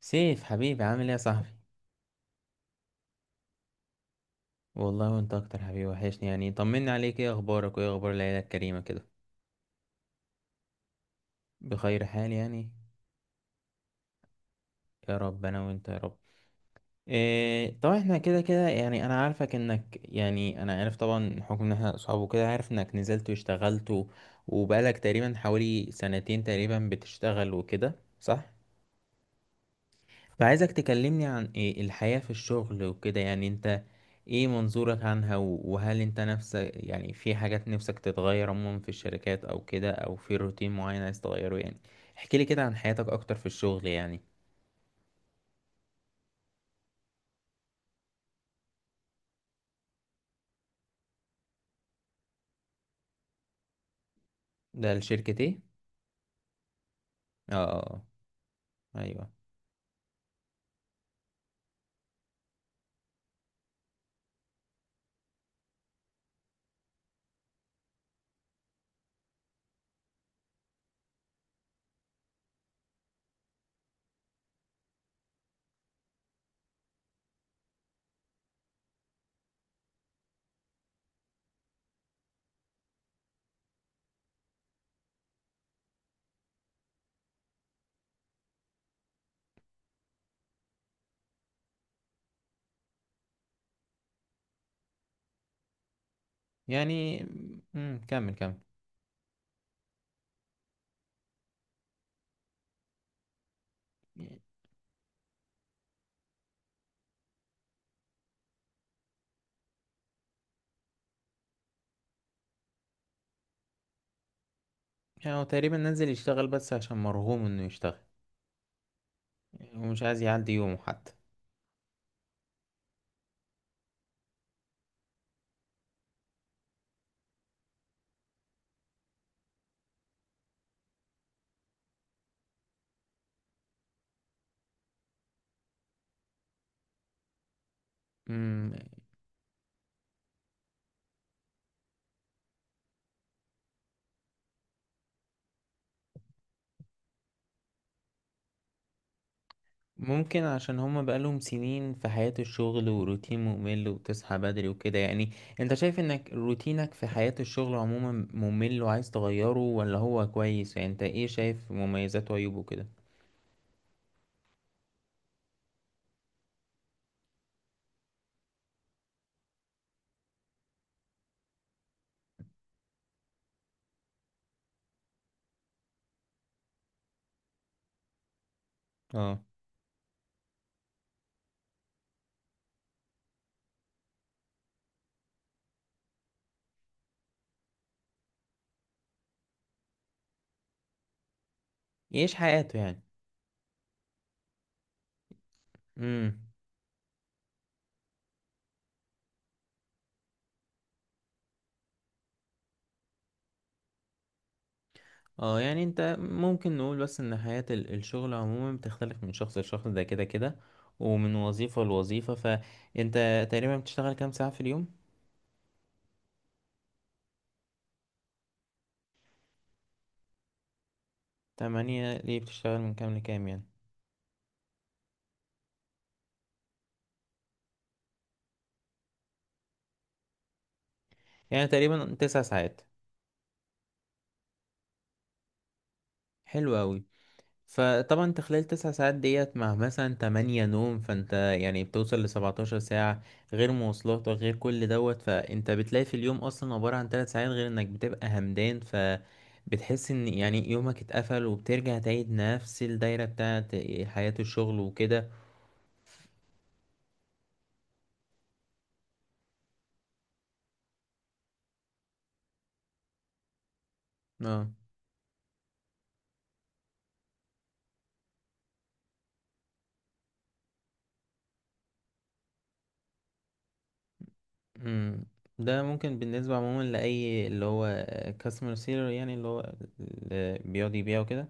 سيف حبيبي، عامل ايه يا صاحبي؟ والله وانت اكتر، حبيبي، وحشني يعني. طمني عليك، ايه اخبارك وايه اخبار العيله الكريمه كده؟ بخير حال يعني؟ يا رب انا وانت يا رب. إيه، طبعا احنا كده كده يعني، انا عارفك انك، يعني، انا عارف طبعا حكم ان احنا اصحاب وكده، عارف انك نزلت واشتغلت وبقالك تقريبا حوالي سنتين تقريبا بتشتغل وكده. صح؟ فعايزك تكلمني عن إيه الحياة في الشغل وكده، يعني، انت ايه منظورك عنها، وهل انت نفسك يعني في حاجات نفسك تتغير عموما في الشركات او كده، او في روتين معين عايز تغيره يعني. احكي لي كده عن حياتك اكتر في الشغل يعني. ده الشركة ايه؟ اه، آه، آه، ايوه. يعني. كمل كمل. يعني هو تقريبا نزل يشتغل بس عشان مرغوم انه يشتغل. ومش عايز يعدي يومه. حتى. ممكن عشان هما بقالهم سنين في حياة الشغل وروتين ممل وتصحى بدري وكده يعني. انت شايف انك روتينك في حياة الشغل عموما ممل وعايز تغيره، ولا هو كويس؟ يعني انت ايه شايف مميزات وعيوبه كده؟ اه. يعيش حياته يعني. امم. اه، يعني انت ممكن نقول بس ان حياة الشغل عموما بتختلف من شخص لشخص ده كده كده. ومن وظيفة لوظيفة، فانت تقريبا بتشتغل كام ساعة في اليوم؟ 8؟ ليه بتشتغل من كام لكام يعني؟ يعني تقريبا 9 ساعات. حلو أوي. فطبعا انت خلال 9 ساعات ديت مع مثلا 8 نوم، فانت يعني بتوصل لسبعتاشر ساعة، غير مواصلات وغير كل دوت، فانت بتلاقي في اليوم أصلا عبارة عن 3 ساعات، غير انك بتبقى همدان، فبتحس ان يعني يومك اتقفل، وبترجع تعيد نفس الدايرة بتاعت حياة الشغل وكده. اه. امم. ده ممكن بالنسبة عموما لأي اللي هو كاستمر سيلر، يعني اللي هو اللي بيقعد يبيع وكده.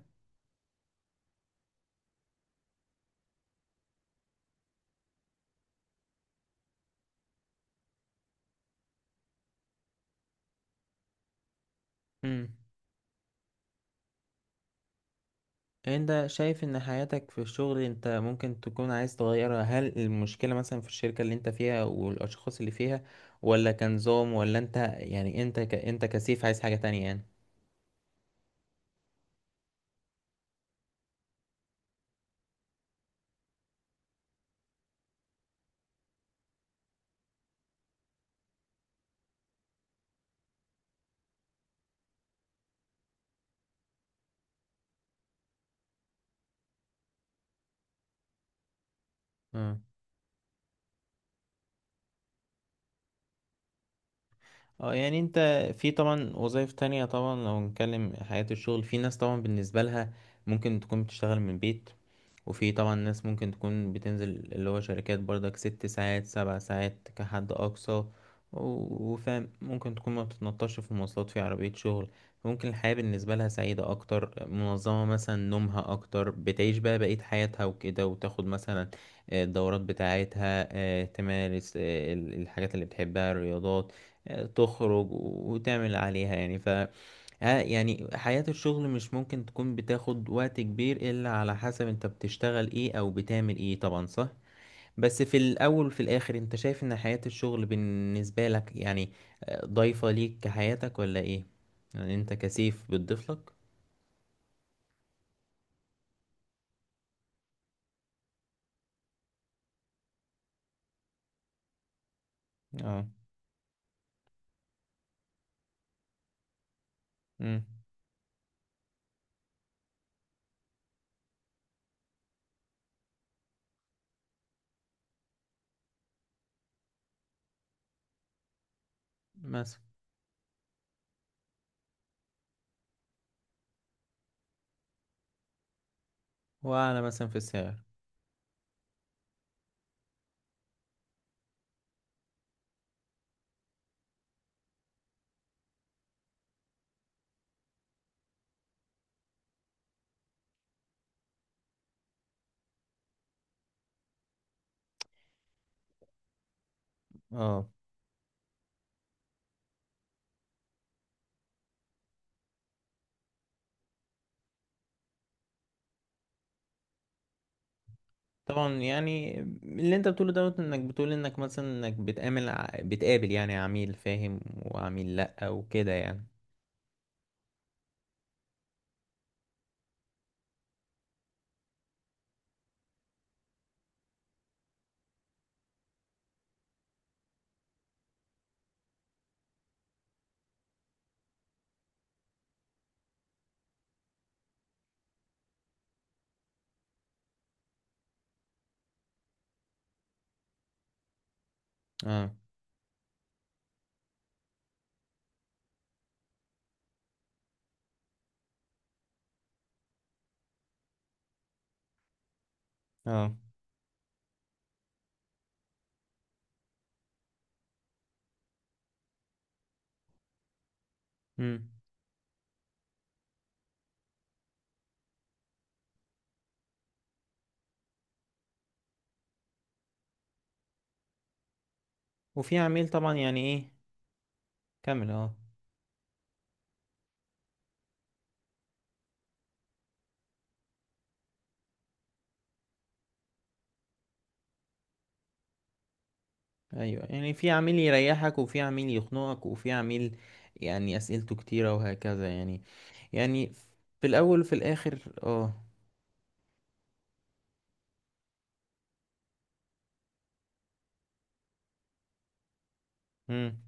انت شايف ان حياتك في الشغل، انت ممكن تكون عايز تغيرها؟ هل المشكلة مثلا في الشركة اللي انت فيها والاشخاص اللي فيها، ولا كنظام، ولا انت يعني انت انت كسيف عايز حاجة تانية يعني؟ اه، يعني انت في طبعا وظائف تانية، طبعا لو نتكلم حياة الشغل، في ناس طبعا بالنسبة لها ممكن تكون بتشتغل من البيت. وفي طبعا ناس ممكن تكون بتنزل اللي هو شركات برضك، 6 ساعات 7 ساعات كحد أقصى وفاهم، ممكن تكون ما بتتنطش في المواصلات، في عربية شغل. ممكن الحياة بالنسبة لها سعيدة أكتر، منظمة مثلا، نومها أكتر، بتعيش بقى بقية حياتها وكده، وتاخد مثلا الدورات بتاعتها، تمارس، الحاجات اللي بتحبها، الرياضات، تخرج وتعمل عليها، يعني ف يعني حياة الشغل مش ممكن تكون بتاخد وقت كبير، إلا على حسب انت بتشتغل ايه او بتعمل ايه، طبعا، صح. بس في الأول وفي الآخر، انت شايف ان حياة الشغل بالنسبة لك، يعني، ضايفة ليك كحياتك ولا ايه؟ يعني انت كسيف بتضيف لك؟ اه. امم. مثلا. وأعلى مثلا في السعر. اه، طبعا، يعني اللي انت بتقوله دوت، انك بتقول انك مثلا انك بتقابل بتقابل، يعني، عميل فاهم وعميل لأ وكده يعني. اه، اه، امم. وفي عميل طبعا، يعني ايه، كمل. اه. ايوه، يعني في عميل يريحك وفي عميل يخنقك وفي عميل، يعني اسئلته كتيرة وهكذا، يعني. يعني في الاول وفي الاخر، اه. امم.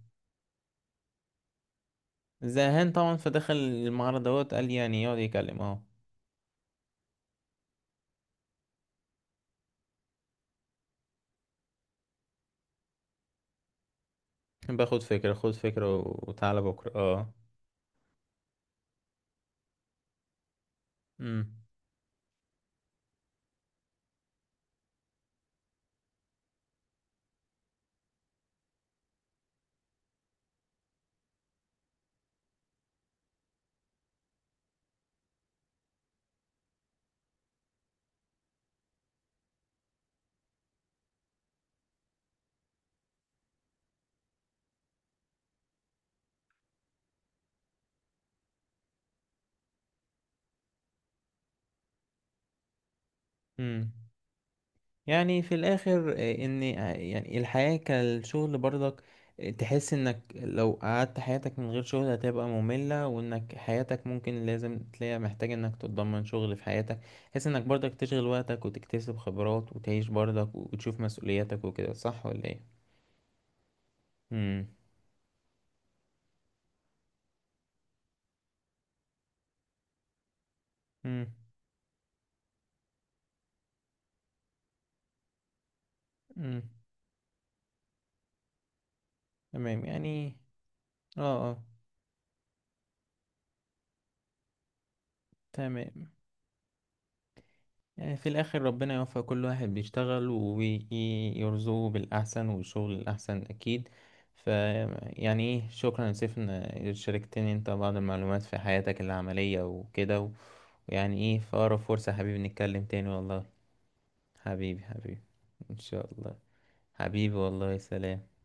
زهقان طبعا، فدخل المعرض دوت، قال يعني يقعد يكلم، اه. باخد فكرة، خد فكرة. وتعالى بكرة، اه. امم. امم. يعني في الاخر، ان يعني الحياة كالشغل برضك، تحس انك لو قعدت حياتك من غير شغل هتبقى مملة، وانك حياتك ممكن لازم تلاقي، محتاج انك تتضمن شغل في حياتك. تحس انك برضك تشغل وقتك وتكتسب خبرات وتعيش برضك وتشوف مسؤولياتك وكده، صح ولا ايه؟ امم. امم. امم. تمام يعني. اه، اه. تمام، يعني في الآخر ربنا يوفق كل واحد بيشتغل ويرزقه بالأحسن، والشغل الأحسن أكيد. ف يعني إيه، شكرا يا سيف إن شاركتني أنت بعض المعلومات في حياتك العملية وكده، ويعني إيه، في أقرب فرصة يا حبيبي نتكلم تاني والله. حبيبي، حبيبي. إن شاء الله. حبيبي، والله، سلام.